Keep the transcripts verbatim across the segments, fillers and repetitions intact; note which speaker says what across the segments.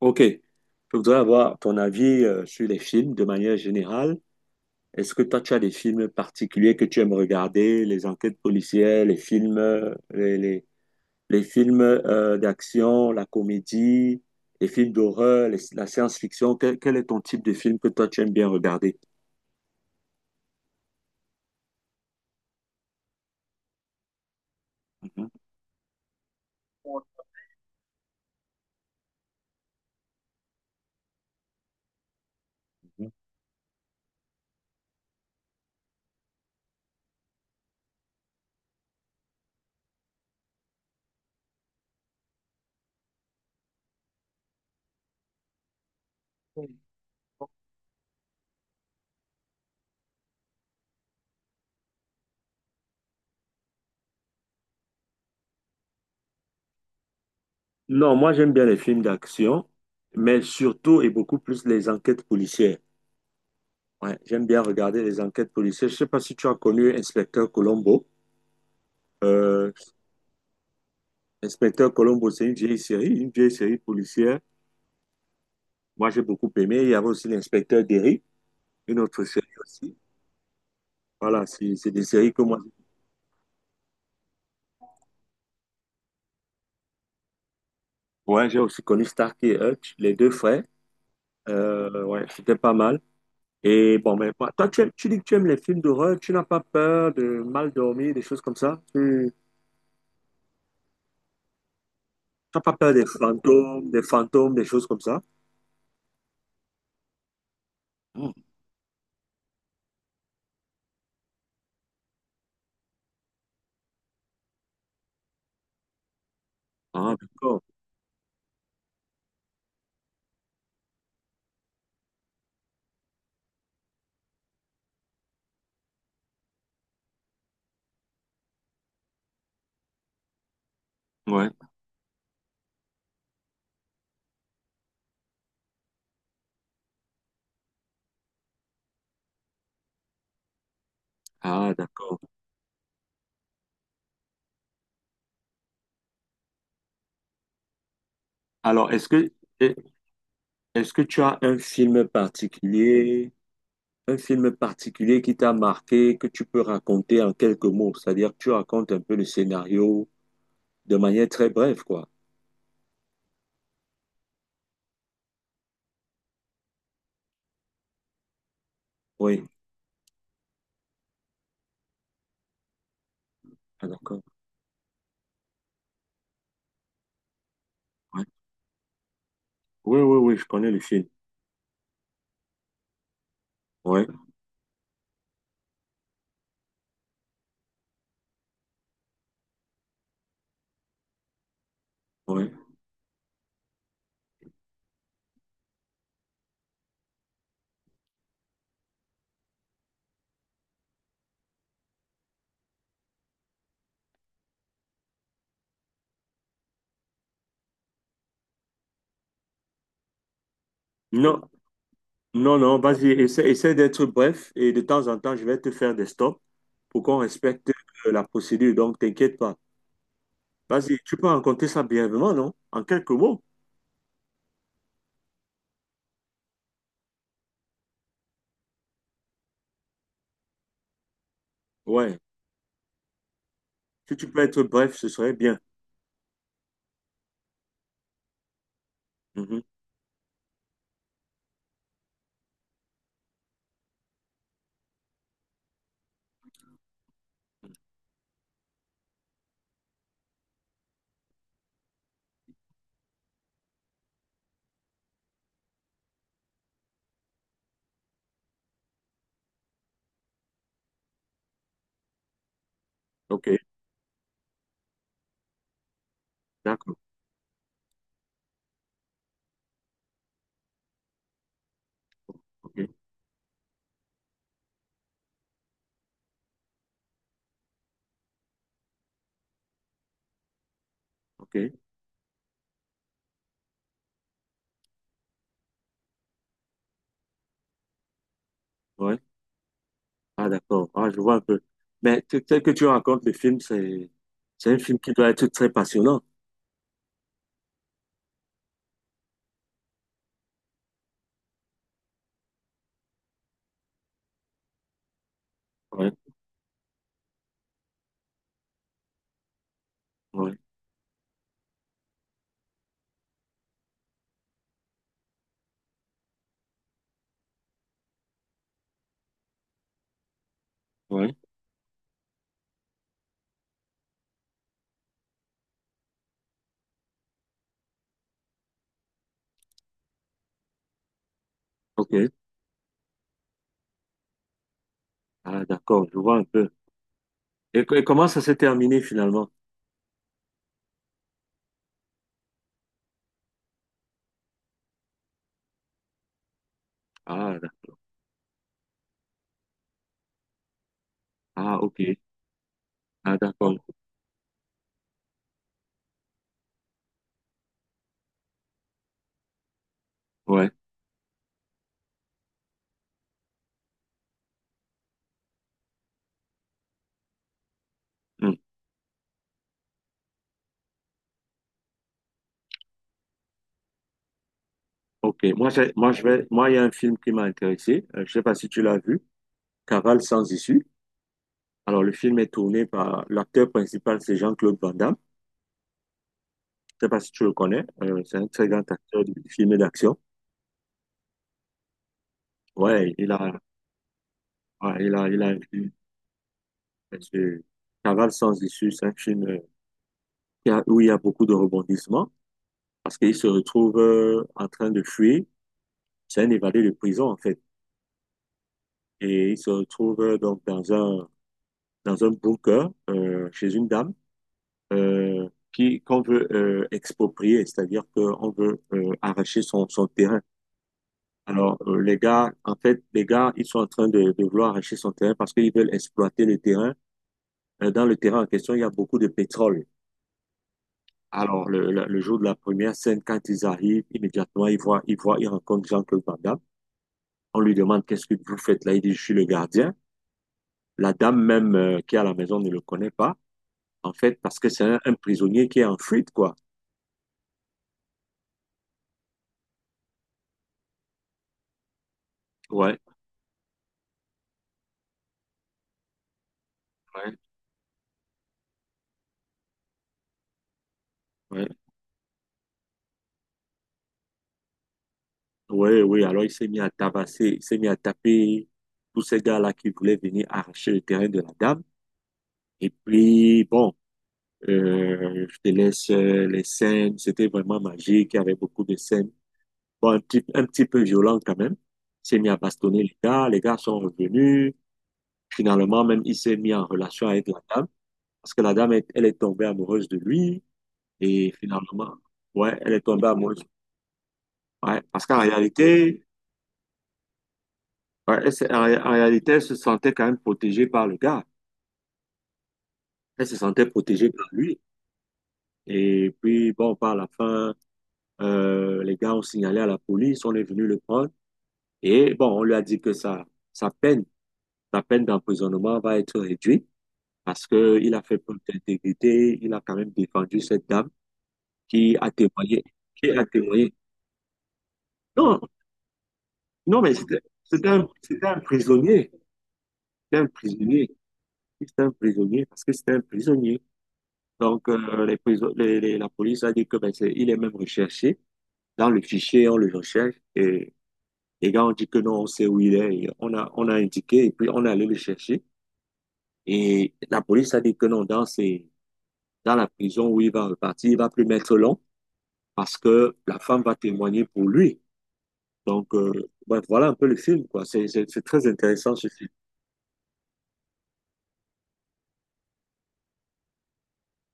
Speaker 1: Ok, je voudrais avoir ton avis euh, sur les films de manière générale. Est-ce que toi, tu as des films particuliers que tu aimes regarder, les enquêtes policières, les films, euh, les, les- les films euh, d'action, la comédie, les films d'horreur, les- la science-fiction? Quel, quel est ton type de film que toi, tu aimes bien regarder? Mhm. Non, moi, j'aime bien les films d'action, mais surtout et beaucoup plus les enquêtes policières. Ouais, j'aime bien regarder les enquêtes policières. Je sais pas si tu as connu Inspecteur Colombo. L'inspecteur Colombo, c'est une vieille série, une vieille série policière. Moi, j'ai beaucoup aimé. Il y avait aussi l'inspecteur Derry, une autre série aussi. Voilà, c'est c'est des séries que moi. Ouais, j'ai aussi connu Stark et Hutch, les deux frères. Euh, ouais, c'était pas mal. Et bon, mais moi- toi, tu, aimes- tu dis que tu aimes les films d'horreur, tu n'as pas peur de mal dormir, des choses comme ça? Tu n'as pas peur des fantômes, des fantômes, des choses comme ça? Hmm. Ah, d'accord. Ouais. Ah, d'accord. Alors, est-ce que, est- est-ce que tu as un film particulier? Un film particulier qui t'a marqué, que tu peux raconter en quelques mots, c'est-à-dire que tu racontes un peu le scénario de manière très brève, quoi. Oui, ah, d'accord. Ouais. Oui, oui, oui, je connais le film. Oui, oui. Non, non, non, vas-y, essaie, essaie d'être bref et de temps en temps, je vais te faire des stops pour qu'on respecte euh, la procédure, donc t'inquiète pas. Vas-y, tu peux raconter ça brièvement, non? En quelques mots. Ouais. Si tu peux être bref, ce serait bien. Mhm. OK, d'accord. OK, OK. Ouais. Ah, d'accord. Ah, je vois un peu. Mais t- tel que tu racontes le film, c'est, c'est un film qui doit être très passionnant. Ouais, ouais, ouais. OK. Ah, d'accord. Je vois un peu. Et, co- et comment ça s'est terminé finalement? Ah, d'ac- ah, OK. Ah, d'accord. Ouais. Hmm. OK. Moi, j'ai- moi, je vais, moi, il y a un film qui m'a intéressé. Euh, je sais pas si tu l'as vu. Cavale sans issue. Alors, le film est tourné par l'acteur principal, c'est Jean-Claude Van Damme. Je sais pas si tu le connais. Euh, c'est un très grand acteur de film et d'action. Ouais, il a, ouais, il a, il a, sur Cavale sans issue, c'est un film euh, qui a- où il y a beaucoup de rebondissements parce qu'il se retrouve euh, en train de fuir. C'est un évadé de prison en fait. Et il se retrouve euh, donc dans un, dans un bunker euh, chez une dame euh, qui, qu'on veut euh, exproprier, c'est-à-dire qu'on veut euh, arracher son, son terrain. Alors euh, les gars, en fait, les gars, ils sont en train de, de vouloir arracher son terrain parce qu'ils veulent exploiter le terrain. Euh, dans le terrain en question, il y a beaucoup de pétrole. Alors, le, le- le jour de la première scène, quand ils arrivent, immédiatement, ils voient, ils voient, ils rencontrent Jean-Claude Van Damme. On lui demande, qu'est-ce que vous faites là? Il dit, je suis le gardien. La dame même euh, qui est à la maison ne le connaît pas, en fait, parce que c'est un, un prisonnier qui est en fuite, quoi. Ouais, ouais, ouais. Ouais, oui, alors il s'est mis à tabasser, il s'est mis à taper tous ces gars-là qui voulaient venir arracher le terrain de la dame. Et puis, bon, euh, je te laisse euh, les scènes, c'était vraiment magique, il y avait beaucoup de scènes. Bon, un petit, un petit peu violent quand même. Il s'est mis à bastonner les gars. Les gars sont revenus. Finalement, même, il s'est mis en relation avec la dame. Parce que la dame, est- elle est tombée amoureuse de lui. Et finalement, ouais, elle est tombée amoureuse. Ouais, parce qu'en réalité, ouais, elle s'est- en, ré- en réalité, elle se sentait quand même protégée par le gars. Elle se sentait protégée par lui. Et puis, bon, par la fin, euh, les gars ont signalé à la police. On est venu le prendre. Et bon, on lui a dit que sa, sa peine, sa peine d'emprisonnement va être réduite, parce qu'il a fait preuve d'intégrité, il a quand même défendu cette dame qui a témoigné, qui a témoigné. Non, non, mais c'était c'était un, c'était un prisonnier, c'était un prisonnier, c'était un prisonnier, parce que c'était un prisonnier. Donc, euh, les prison- les- les- la police a dit que ben, c'est- il est même recherché. Dans le fichier, on le recherche et les gars ont dit que non, on sait où il est. Et on a, on a indiqué et puis on est allé le chercher. Et la police a dit que non, dans, ses- dans la prison où il va repartir, il va plus mettre long, parce que la femme va témoigner pour lui. Donc, euh, ouais, voilà un peu le film, quoi. C'est c'est- c'est très intéressant ce film.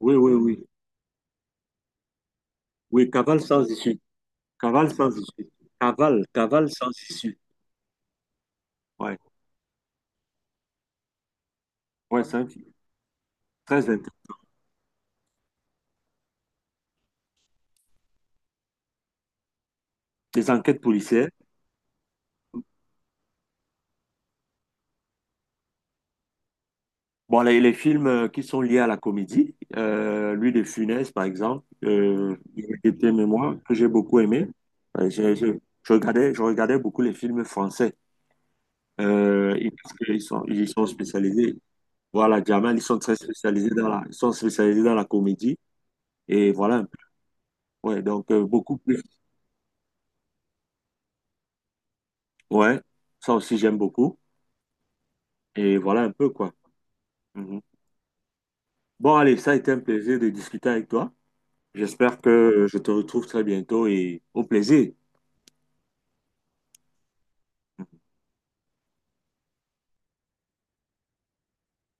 Speaker 1: Oui, oui, oui. Oui, Cavale sans issue. Cavale sans issue. Cavale, Cavale sans issue. Ouais, ouais, c'est un film très intéressant. Des enquêtes policières. Bon, les, les films euh, qui sont liés à la comédie, euh, lui de Funès, par exemple, euh, était Mémoire, que j'ai beaucoup aimé. Euh, j'ai- j'ai- je regardais, je regardais beaucoup les films français. Euh, et parce qu'ils sont, ils y sont spécialisés. Voilà, Jamel, ils sont très spécialisés dans la, ils sont spécialisés dans la comédie. Et voilà un peu. Ouais, donc euh, beaucoup plus. Ouais, ça aussi j'aime beaucoup. Et voilà un peu quoi. Mhm. Bon, allez, ça a été un plaisir de discuter avec toi. J'espère que euh, je te retrouve très bientôt et au plaisir.